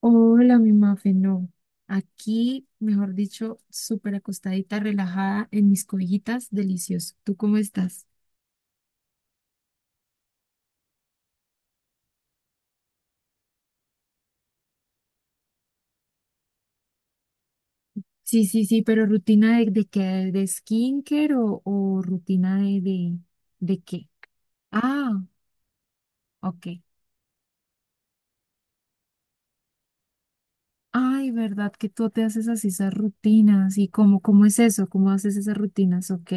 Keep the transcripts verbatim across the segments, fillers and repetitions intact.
Hola, mi mafe, no. Aquí, mejor dicho, súper acostadita, relajada en mis cobijitas, delicioso. ¿Tú cómo estás? Sí, sí, sí, pero rutina de, de qué, de skincare o, o rutina de, de, de qué? Ah, ok. Ay, ¿verdad que tú te haces así esas rutinas? ¿Y cómo, cómo es eso? ¿Cómo haces esas rutinas? Ok.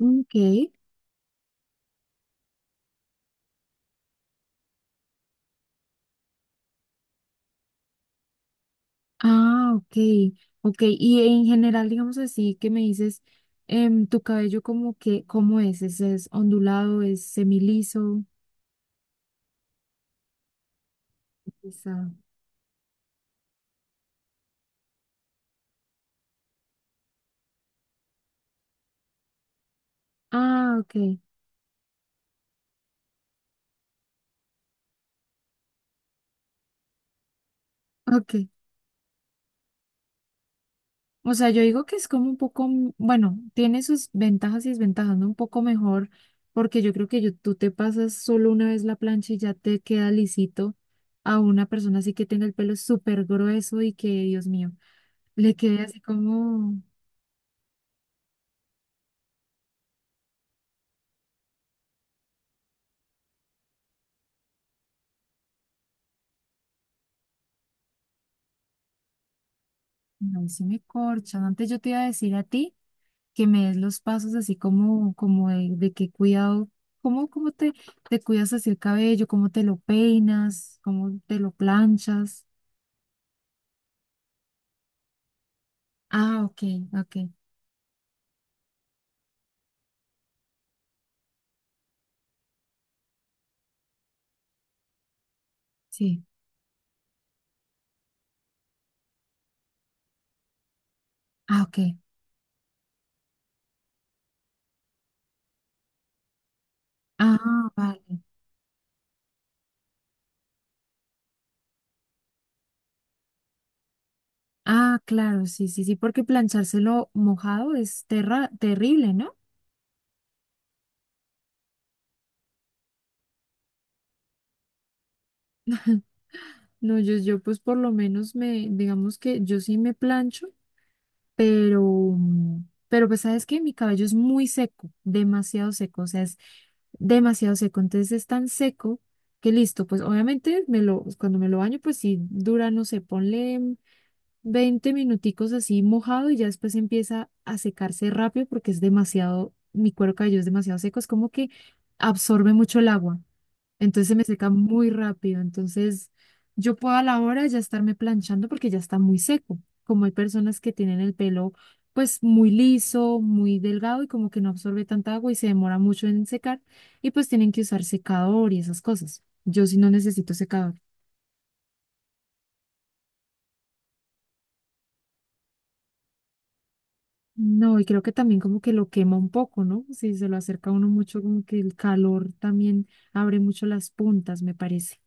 Ok. Ah, ok, ok. Y en general, digamos así, que me dices, em, tu cabello como que, ¿cómo es? ¿Es, es ondulado? ¿Es semiliso? Está- Ah, ok, ok. O sea, yo digo que es como un poco, m- bueno, tiene sus ventajas y desventajas, ¿no? Un poco mejor, porque yo creo que yo- tú te pasas solo una vez la plancha y ya te queda lisito a una persona así que tenga el pelo súper grueso y que, Dios mío, le quede así como... No, sí me corchan. Antes yo te iba a decir a ti que me des los pasos así como, como de, de qué cuidado, cómo, cómo te, te cuidas así el cabello, cómo te lo peinas, cómo te lo planchas. Ah, ok, ok, sí. Ah, ok. Ah, vale. Ah, claro, sí, sí, sí, porque planchárselo mojado es terra terrible, ¿no? No, yo, yo pues por lo menos me, digamos que yo sí me plancho pero, mm, pero pues sabes que mi cabello es muy seco, demasiado seco, o sea, es demasiado seco, entonces es tan seco que listo, pues obviamente me lo, cuando me lo baño, pues sí dura, no sé, ponle veinte minuticos así mojado y ya después empieza a secarse rápido porque es demasiado, mi cuero cabelludo es demasiado seco, es como que absorbe mucho el agua. Entonces se me seca muy rápido. Entonces yo puedo a la hora ya estarme planchando porque ya está muy seco. Como hay personas que tienen el pelo pues muy liso, muy delgado y como que no absorbe tanta agua y se demora mucho en secar y pues tienen que usar secador y esas cosas. Yo sí no necesito secador. No, y creo que también como que lo quema un poco, ¿no? Si se lo acerca a uno mucho, como que el calor también abre mucho las puntas, me parece.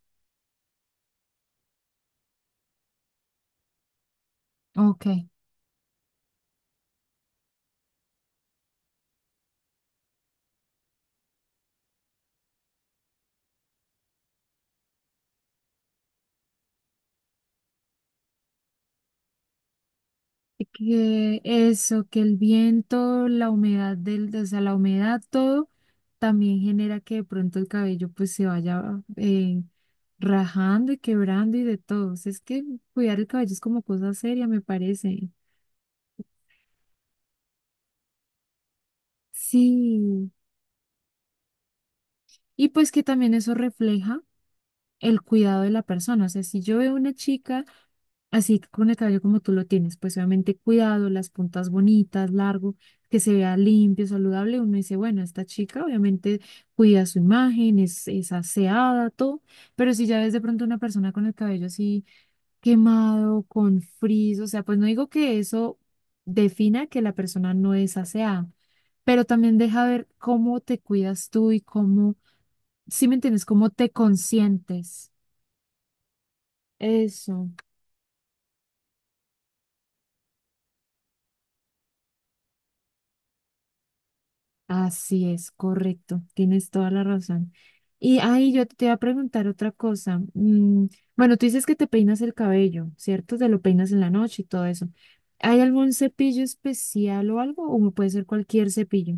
Ok. Que eso, que el viento, la humedad del, o sea, la humedad, todo, también genera que de pronto el cabello pues se vaya eh, rajando y quebrando y de todo. O sea, es que cuidar el cabello es como cosa seria, me parece. Sí. Y pues que también eso refleja el cuidado de la persona. O sea, si yo veo una chica así con el cabello como tú lo tienes, pues obviamente cuidado, las puntas bonitas, largo, que se vea limpio, saludable, uno dice, bueno, esta chica obviamente cuida su imagen, es, es aseada, todo, pero si ya ves de pronto una persona con el cabello así quemado, con frizz, o sea, pues no digo que eso defina que la persona no es aseada, pero también deja ver cómo te cuidas tú y cómo, si me entiendes, cómo te consientes. Eso, así es, correcto, tienes toda la razón. Y ahí yo te iba a preguntar otra cosa. Mm, bueno, tú dices que te peinas el cabello, ¿cierto? Te lo peinas en la noche y todo eso. ¿Hay algún cepillo especial o algo? ¿O puede ser cualquier cepillo?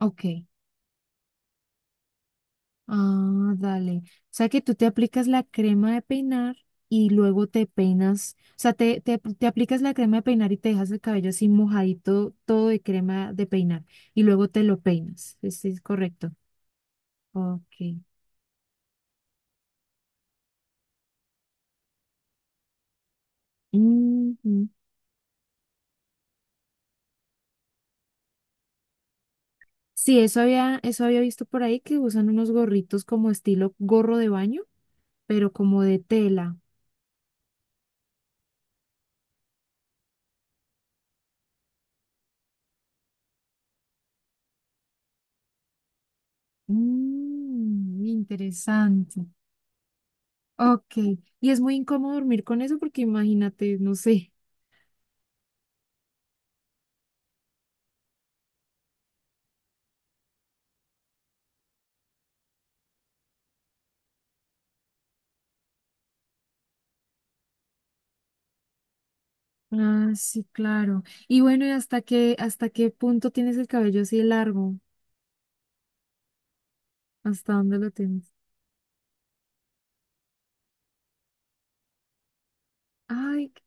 Ok. Ah, dale. O sea que tú te aplicas la crema de peinar y luego te peinas, o sea, te, te, te aplicas la crema de peinar y te dejas el cabello así mojadito, todo de crema de peinar, y luego te lo peinas. Sí, es correcto. Ok. Ujú. Sí, eso había, eso había visto por ahí que usan unos gorritos como estilo gorro de baño, pero como de tela. Mm, interesante. Ok. Y es muy incómodo dormir con eso porque imagínate, no sé. Ah, sí, claro. Y bueno, ¿y hasta qué, hasta qué punto tienes el cabello así largo? ¿Hasta dónde lo tienes? Ay, qué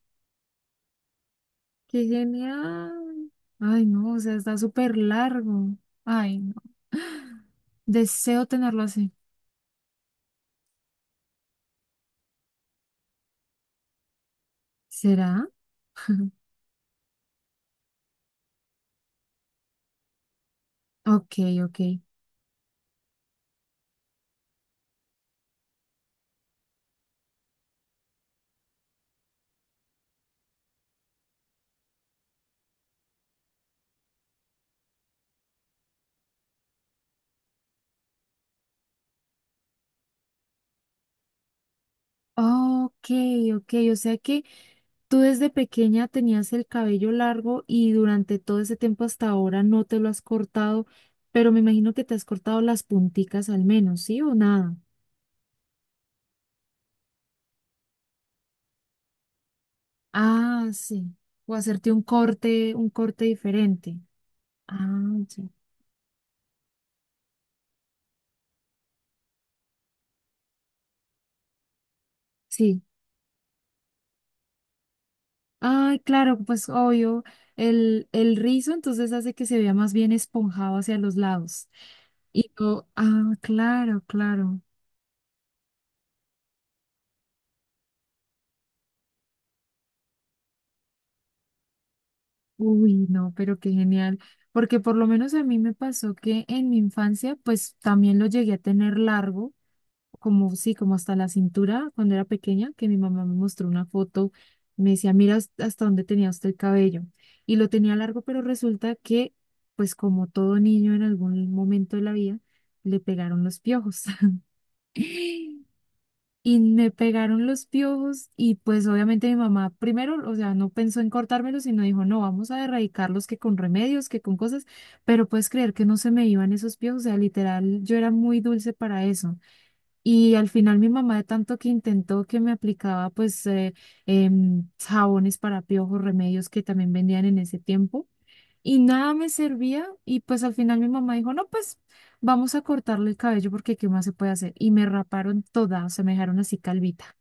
qué genial. Ay, no, o sea, está súper largo. Ay, no. Deseo tenerlo así. ¿Será? Ok, ok. Ok, ok. O sea que tú desde pequeña tenías el cabello largo y durante todo ese tiempo hasta ahora no te lo has cortado, pero me imagino que te has cortado las punticas al menos, ¿sí o nada? Ah, sí. O hacerte un corte, un corte diferente. Ah, sí. Sí. Ay, claro, pues obvio, el, el rizo entonces hace que se vea más bien esponjado hacia los lados. Y yo, ah, claro, claro. Uy, no, pero qué genial. Porque por lo menos a mí me pasó que en mi infancia, pues también lo llegué a tener largo. Como sí, como hasta la cintura cuando era pequeña, que mi mamá me mostró una foto, me decía, mira hast- hasta dónde tenía usted el cabello. Y lo tenía largo, pero resulta que, pues como todo niño en algún momento de la vida, le pegaron los piojos. Y me pegaron los piojos y pues obviamente mi mamá primero, o sea, no pensó en cortármelos, sino dijo, no, vamos a erradicarlos que con remedios, que con cosas, pero puedes creer que no se me iban esos piojos, o sea, literal, yo era muy dulce para eso. Y al final mi mamá de tanto que intentó que me aplicaba pues eh, em, jabones para piojos, remedios que también vendían en ese tiempo y nada me servía y pues al final mi mamá dijo, no, pues vamos a cortarle el cabello porque qué más se puede hacer. Y me raparon toda, o sea, me dejaron así calvita.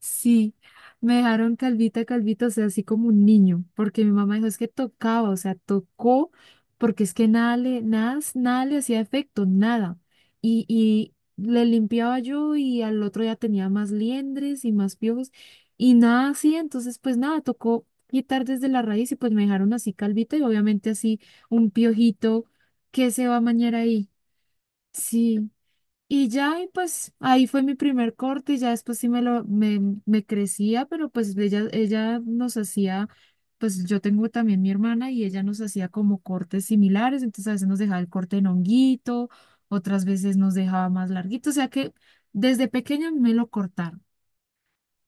Sí, me dejaron calvita, calvita, o sea, así como un niño, porque mi mamá dijo, es que tocaba, o sea, tocó, porque es que nada le, nada, nada le hacía efecto, nada. Y, y le limpiaba yo y al otro ya tenía más liendres y más piojos y nada así, entonces pues nada, tocó quitar desde la raíz y pues me dejaron así calvita y obviamente así un piojito que se va a mañar ahí. Sí. Y ya, y pues ahí fue mi primer corte y ya después sí me lo me, me crecía, pero pues ella, ella nos hacía, pues yo tengo también mi hermana y ella nos hacía como cortes similares, entonces a veces nos dejaba el corte en honguito, otras veces nos dejaba más larguito, o sea que desde pequeña me lo cortaron,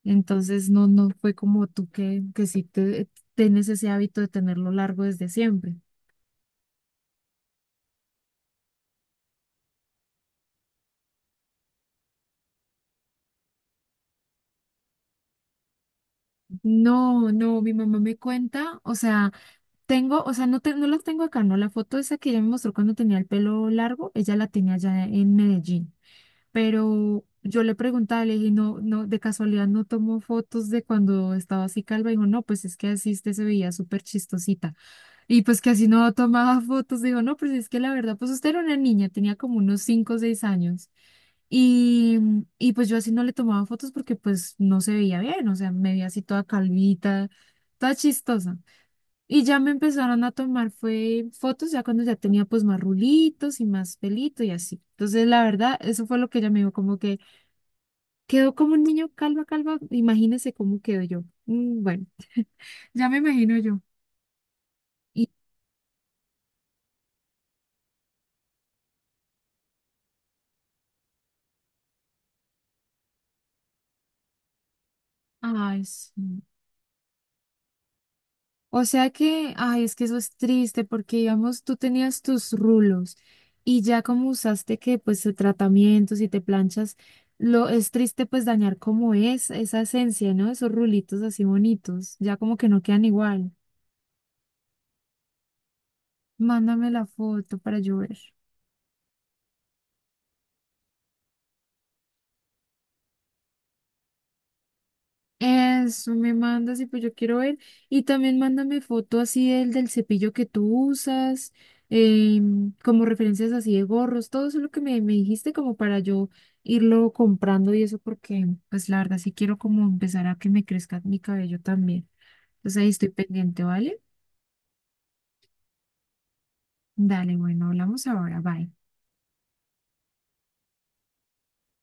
entonces no, no fue como tú que, que sí te, tienes ese hábito de tenerlo largo desde siempre. No, no, mi mamá me cuenta, o sea... Tengo, o sea, no, te- no la tengo acá, no. La foto esa que ella me mostró cuando tenía el pelo largo, ella la tenía allá en Medellín. Pero yo le preguntaba, le dije, no, no, de casualidad no tomó fotos de cuando estaba así calva. Dijo, no, pues es que así usted se veía súper chistosita. Y pues que así no tomaba fotos. Dijo, no, pues es que la verdad, pues usted era una niña, tenía como unos cinco o seis años. Y, y pues yo así no le tomaba fotos porque pues no se veía bien, o sea, me veía así toda calvita, toda chistosa. Y ya me empezaron a tomar fue fotos ya cuando ya tenía pues más rulitos y más pelito y así. Entonces, la verdad, eso fue lo que ella me dijo, como que quedó como un niño calva, calva. Imagínese cómo quedo yo. Mm, Bueno, ya me imagino yo. Y, ay, sí. O sea que, ay, es que eso es triste porque, digamos, tú tenías tus rulos y ya como usaste que, pues, eh, tratamientos y te planchas, lo es triste pues dañar como es esa esencia, ¿no? Esos rulitos así bonitos, ya como que no quedan igual. Mándame la foto para yo ver. Eso me mandas y pues yo quiero ver. Y también mándame foto así del, del cepillo que tú usas, em, como referencias así de gorros, todo eso lo que me, me dijiste como para yo irlo comprando y eso porque pues la verdad sí quiero como empezar a que me crezca mi cabello también. Entonces ahí estoy pendiente, ¿vale? Dale, bueno, hablamos ahora, bye.